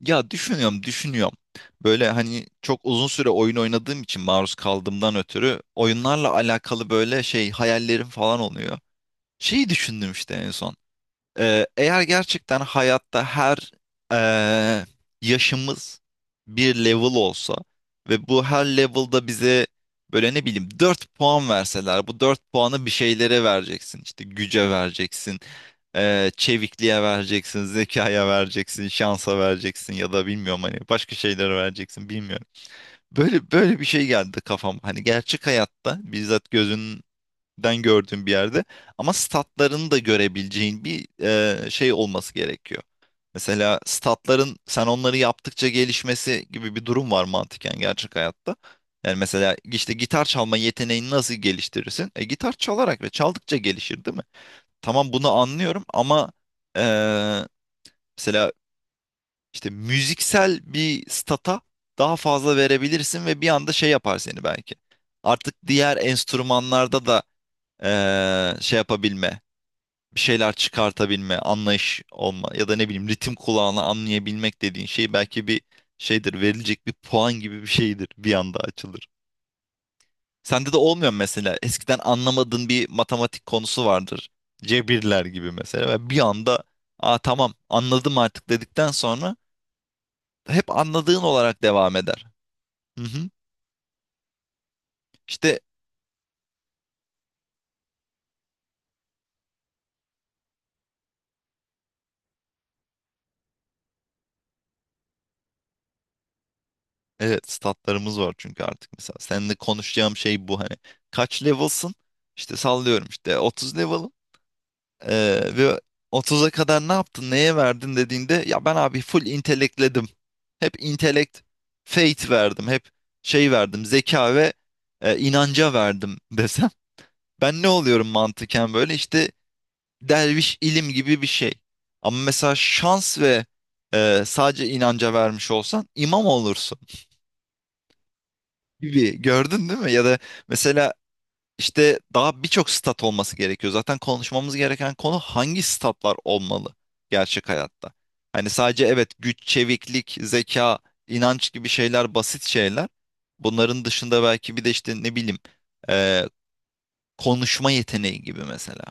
Ya düşünüyorum, düşünüyorum. Böyle hani çok uzun süre oyun oynadığım için maruz kaldığımdan ötürü oyunlarla alakalı böyle şey hayallerim falan oluyor. Şeyi düşündüm işte en son. Eğer gerçekten hayatta her eee, yaşımız bir level olsa ve bu her level'da bize böyle ne bileyim 4 puan verseler bu 4 puanı bir şeylere vereceksin. İşte güce vereceksin, çevikliğe vereceksin, zekaya vereceksin, şansa vereceksin ya da bilmiyorum hani başka şeylere vereceksin bilmiyorum. Böyle böyle bir şey geldi kafam. Hani gerçek hayatta bizzat gözünün den gördüğüm bir yerde. Ama statlarını da görebileceğin bir şey olması gerekiyor. Mesela statların sen onları yaptıkça gelişmesi gibi bir durum var mantıken gerçek hayatta. Yani mesela işte gitar çalma yeteneğini nasıl geliştirirsin? Gitar çalarak ve çaldıkça gelişir değil mi? Tamam bunu anlıyorum ama e, mesela işte müziksel bir stata daha fazla verebilirsin ve bir anda şey yapar seni belki. Artık diğer enstrümanlarda da şey yapabilme, bir şeyler çıkartabilme, anlayış olma ya da ne bileyim ritim kulağına anlayabilmek dediğin şey belki bir şeydir, verilecek bir puan gibi bir şeydir bir anda açılır. Sende de olmuyor mu mesela eskiden anlamadığın bir matematik konusu vardır. Cebirler gibi mesela ve bir anda aa tamam anladım artık dedikten sonra hep anladığın olarak devam eder. Hı hı. İşte evet statlarımız var çünkü artık mesela seninle konuşacağım şey bu hani kaç level'sın? İşte sallıyorum işte 30 level'ım. Ve 30'a kadar ne yaptın, neye verdin dediğinde ya ben abi full intelekledim. Hep intelekt, faith verdim. Hep şey verdim, zeka ve inanca verdim desem. Ben ne oluyorum mantıken böyle işte derviş ilim gibi bir şey. Ama mesela şans ve sadece inanca vermiş olsan imam olursun gibi gördün değil mi? Ya da mesela İşte daha birçok stat olması gerekiyor. Zaten konuşmamız gereken konu hangi statlar olmalı gerçek hayatta? Hani sadece evet güç, çeviklik, zeka, inanç gibi şeyler basit şeyler. Bunların dışında belki bir de işte ne bileyim eee, konuşma yeteneği gibi mesela.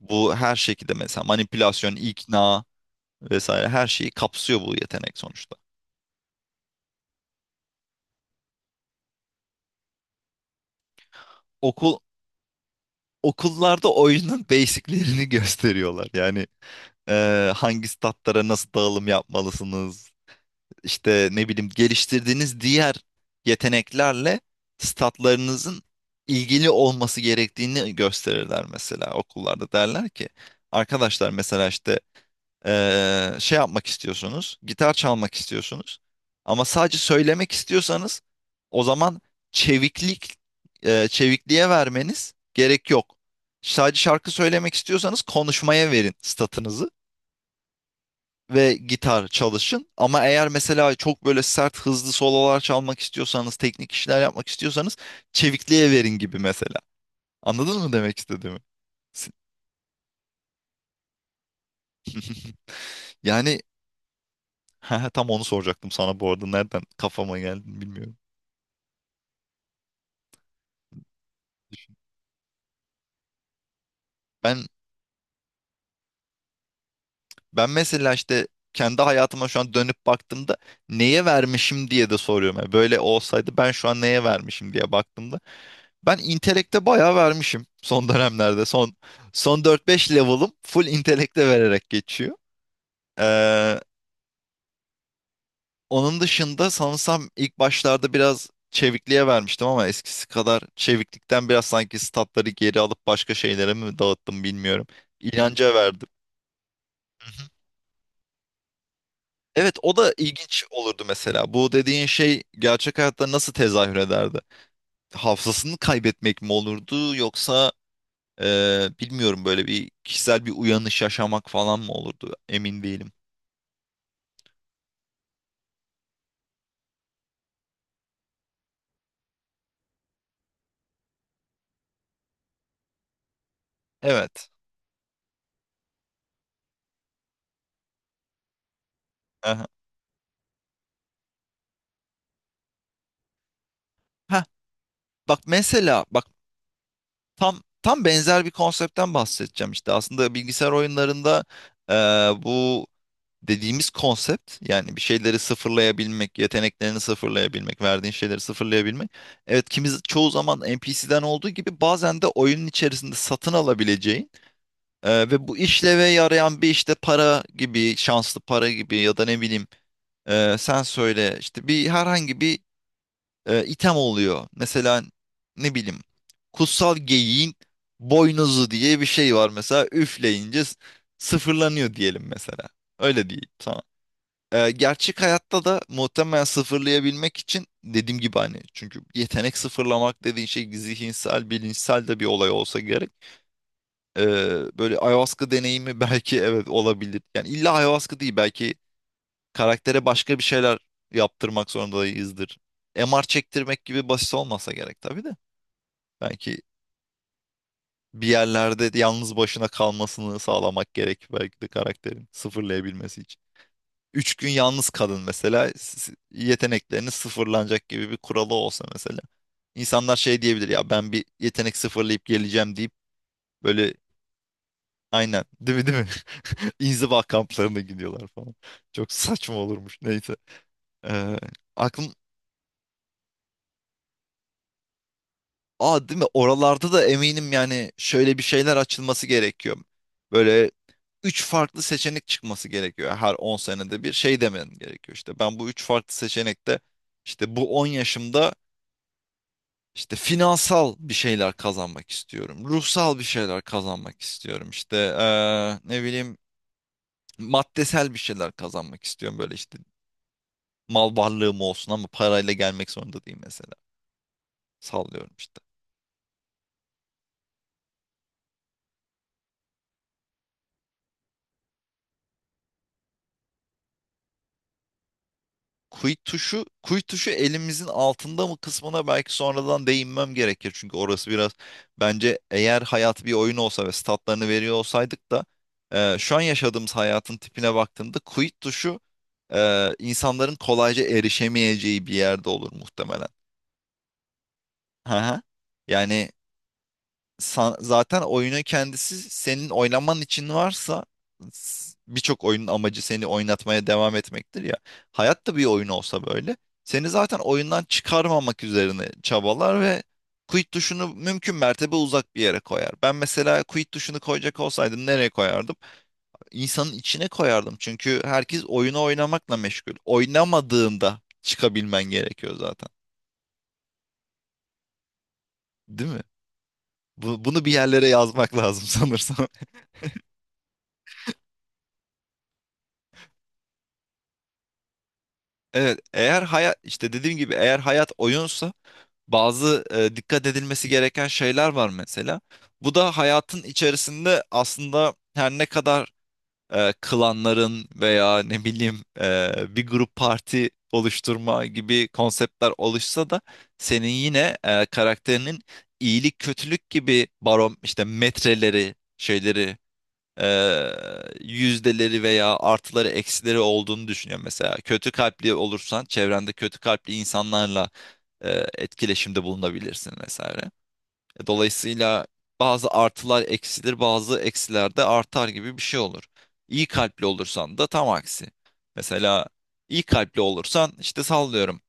Bu her şekilde mesela manipülasyon, ikna vesaire her şeyi kapsıyor bu yetenek sonuçta. Okul okullarda oyunun basiclerini gösteriyorlar. Yani hangi statlara nasıl dağılım yapmalısınız? İşte ne bileyim geliştirdiğiniz diğer yeteneklerle statlarınızın ilgili olması gerektiğini gösterirler mesela okullarda derler ki arkadaşlar mesela işte şey yapmak istiyorsunuz, gitar çalmak istiyorsunuz. Ama sadece söylemek istiyorsanız o zaman çeviklik, çevikliğe vermeniz gerek yok. Sadece şarkı söylemek istiyorsanız konuşmaya verin statınızı ve gitar çalışın. Ama eğer mesela çok böyle sert, hızlı sololar çalmak istiyorsanız, teknik işler yapmak istiyorsanız çevikliğe verin gibi mesela. Anladın mı demek istediğimi? Yani tam onu soracaktım sana bu arada. Nereden kafama geldi bilmiyorum. Ben ben mesela işte kendi hayatıma şu an dönüp baktığımda neye vermişim diye de soruyorum. Yani böyle olsaydı ben şu an neye vermişim diye baktığımda ben intelekte bayağı vermişim son dönemlerde. Son dört beş level'ım full intelekte vererek geçiyor. Ee, onun dışında sanırsam ilk başlarda biraz çevikliğe vermiştim ama eskisi kadar çeviklikten biraz sanki statları geri alıp başka şeylere mi dağıttım bilmiyorum. İnanca verdim. Evet o da ilginç olurdu mesela. Bu dediğin şey gerçek hayatta nasıl tezahür ederdi? Hafızasını kaybetmek mi olurdu yoksa bilmiyorum böyle bir kişisel bir uyanış yaşamak falan mı olurdu? Emin değilim. Evet. Aha. Heh, bak mesela bak tam benzer bir konseptten bahsedeceğim işte. Aslında bilgisayar oyunlarında e, bu dediğimiz konsept yani bir şeyleri sıfırlayabilmek, yeteneklerini sıfırlayabilmek, verdiğin şeyleri sıfırlayabilmek. Evet kimi çoğu zaman NPC'den olduğu gibi bazen de oyunun içerisinde satın alabileceğin ve bu işleve yarayan bir işte para gibi, şanslı para gibi ya da ne bileyim sen söyle işte bir herhangi bir item oluyor. Mesela ne bileyim kutsal geyiğin boynuzu diye bir şey var mesela üfleyince sıfırlanıyor diyelim mesela. Öyle değil. Gerçek hayatta da muhtemelen sıfırlayabilmek için dediğim gibi hani çünkü yetenek sıfırlamak dediğin şey zihinsel, bilinçsel de bir olay olsa gerek. Böyle ayahuasca deneyimi belki evet olabilir. Yani illa ayahuasca değil belki karaktere başka bir şeyler yaptırmak zorundayızdır. MR çektirmek gibi basit olmasa gerek tabii de. Belki bir yerlerde yalnız başına kalmasını sağlamak gerek belki de karakterin sıfırlayabilmesi. 3 gün yalnız kalın mesela yetenekleriniz sıfırlanacak gibi bir kuralı olsa mesela. İnsanlar şey diyebilir ya ben bir yetenek sıfırlayıp geleceğim deyip böyle aynen değil mi? İnziva kamplarına gidiyorlar falan. Çok saçma olurmuş neyse. Ee, aklım aa değil mi oralarda da eminim yani şöyle bir şeyler açılması gerekiyor. Böyle üç farklı seçenek çıkması gerekiyor. Her 10 senede bir şey demen gerekiyor. İşte ben bu üç farklı seçenekte işte bu 10 yaşımda İşte finansal bir şeyler kazanmak istiyorum. Ruhsal bir şeyler kazanmak istiyorum. İşte ne bileyim maddesel bir şeyler kazanmak istiyorum. Böyle işte mal varlığım olsun ama parayla gelmek zorunda değil mesela. Sallıyorum işte. Quit tuşu, quit tuşu elimizin altında mı kısmına belki sonradan değinmem gerekir. Çünkü orası biraz bence eğer hayat bir oyun olsa ve statlarını veriyor olsaydık da şu an yaşadığımız hayatın tipine baktığımda quit tuşu insanların kolayca erişemeyeceği bir yerde olur muhtemelen. Hı hı. Yani zaten oyunun kendisi senin oynaman için varsa birçok oyunun amacı seni oynatmaya devam etmektir ya. Hayat da bir oyun olsa böyle seni zaten oyundan çıkarmamak üzerine çabalar ve quit tuşunu mümkün mertebe uzak bir yere koyar. Ben mesela quit tuşunu koyacak olsaydım nereye koyardım? İnsanın içine koyardım çünkü herkes oyunu oynamakla meşgul. Oynamadığında çıkabilmen gerekiyor zaten. Değil mi? Bunu bir yerlere yazmak lazım sanırsam. Evet, eğer hayat işte dediğim gibi eğer hayat oyunsa bazı dikkat edilmesi gereken şeyler var mesela. Bu da hayatın içerisinde aslında her ne kadar klanların veya ne bileyim bir grup parti oluşturma gibi konseptler oluşsa da senin yine karakterinin iyilik kötülük gibi barom işte metreleri şeyleri yüzdeleri veya artıları eksileri olduğunu düşünüyorum. Mesela kötü kalpli olursan çevrende kötü kalpli insanlarla etkileşimde bulunabilirsin vesaire. Dolayısıyla bazı artılar eksilir, bazı eksiler de artar gibi bir şey olur. İyi kalpli olursan da tam aksi. Mesela iyi kalpli olursan işte sallıyorum.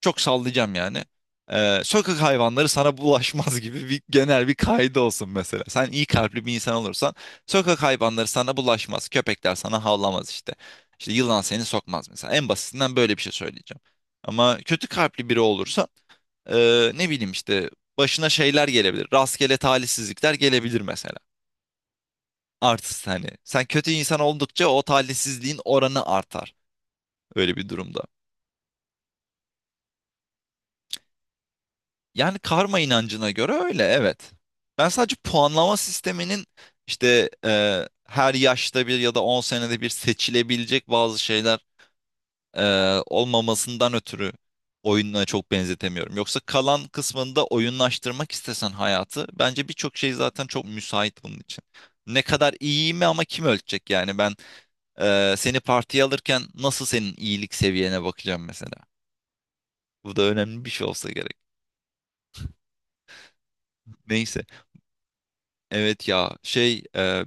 Çok sallayacağım yani. Sokak hayvanları sana bulaşmaz gibi bir genel bir kaydı olsun mesela. Sen iyi kalpli bir insan olursan sokak hayvanları sana bulaşmaz. Köpekler sana havlamaz işte. İşte yılan seni sokmaz mesela. En basitinden böyle bir şey söyleyeceğim. Ama kötü kalpli biri olursan ne bileyim işte başına şeyler gelebilir. Rastgele talihsizlikler gelebilir mesela. Artı hani sen kötü insan oldukça o talihsizliğin oranı artar öyle bir durumda. Yani karma inancına göre öyle evet. Ben sadece puanlama sisteminin işte her yaşta bir ya da 10 senede bir seçilebilecek bazı şeyler e, olmamasından ötürü oyununa çok benzetemiyorum. Yoksa kalan kısmında oyunlaştırmak istesen hayatı bence birçok şey zaten çok müsait bunun için. Ne kadar iyi mi ama kim ölçecek yani ben seni partiye alırken nasıl senin iyilik seviyene bakacağım mesela. Bu da önemli bir şey olsa gerek. Neyse. Evet ya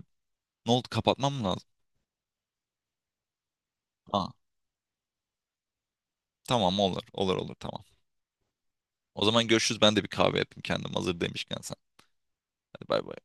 ne oldu, kapatmam mı lazım? Ha, tamam olur olur olur tamam. O zaman görüşürüz ben de bir kahve yapayım kendim hazır demişken sen. Hadi bay bay.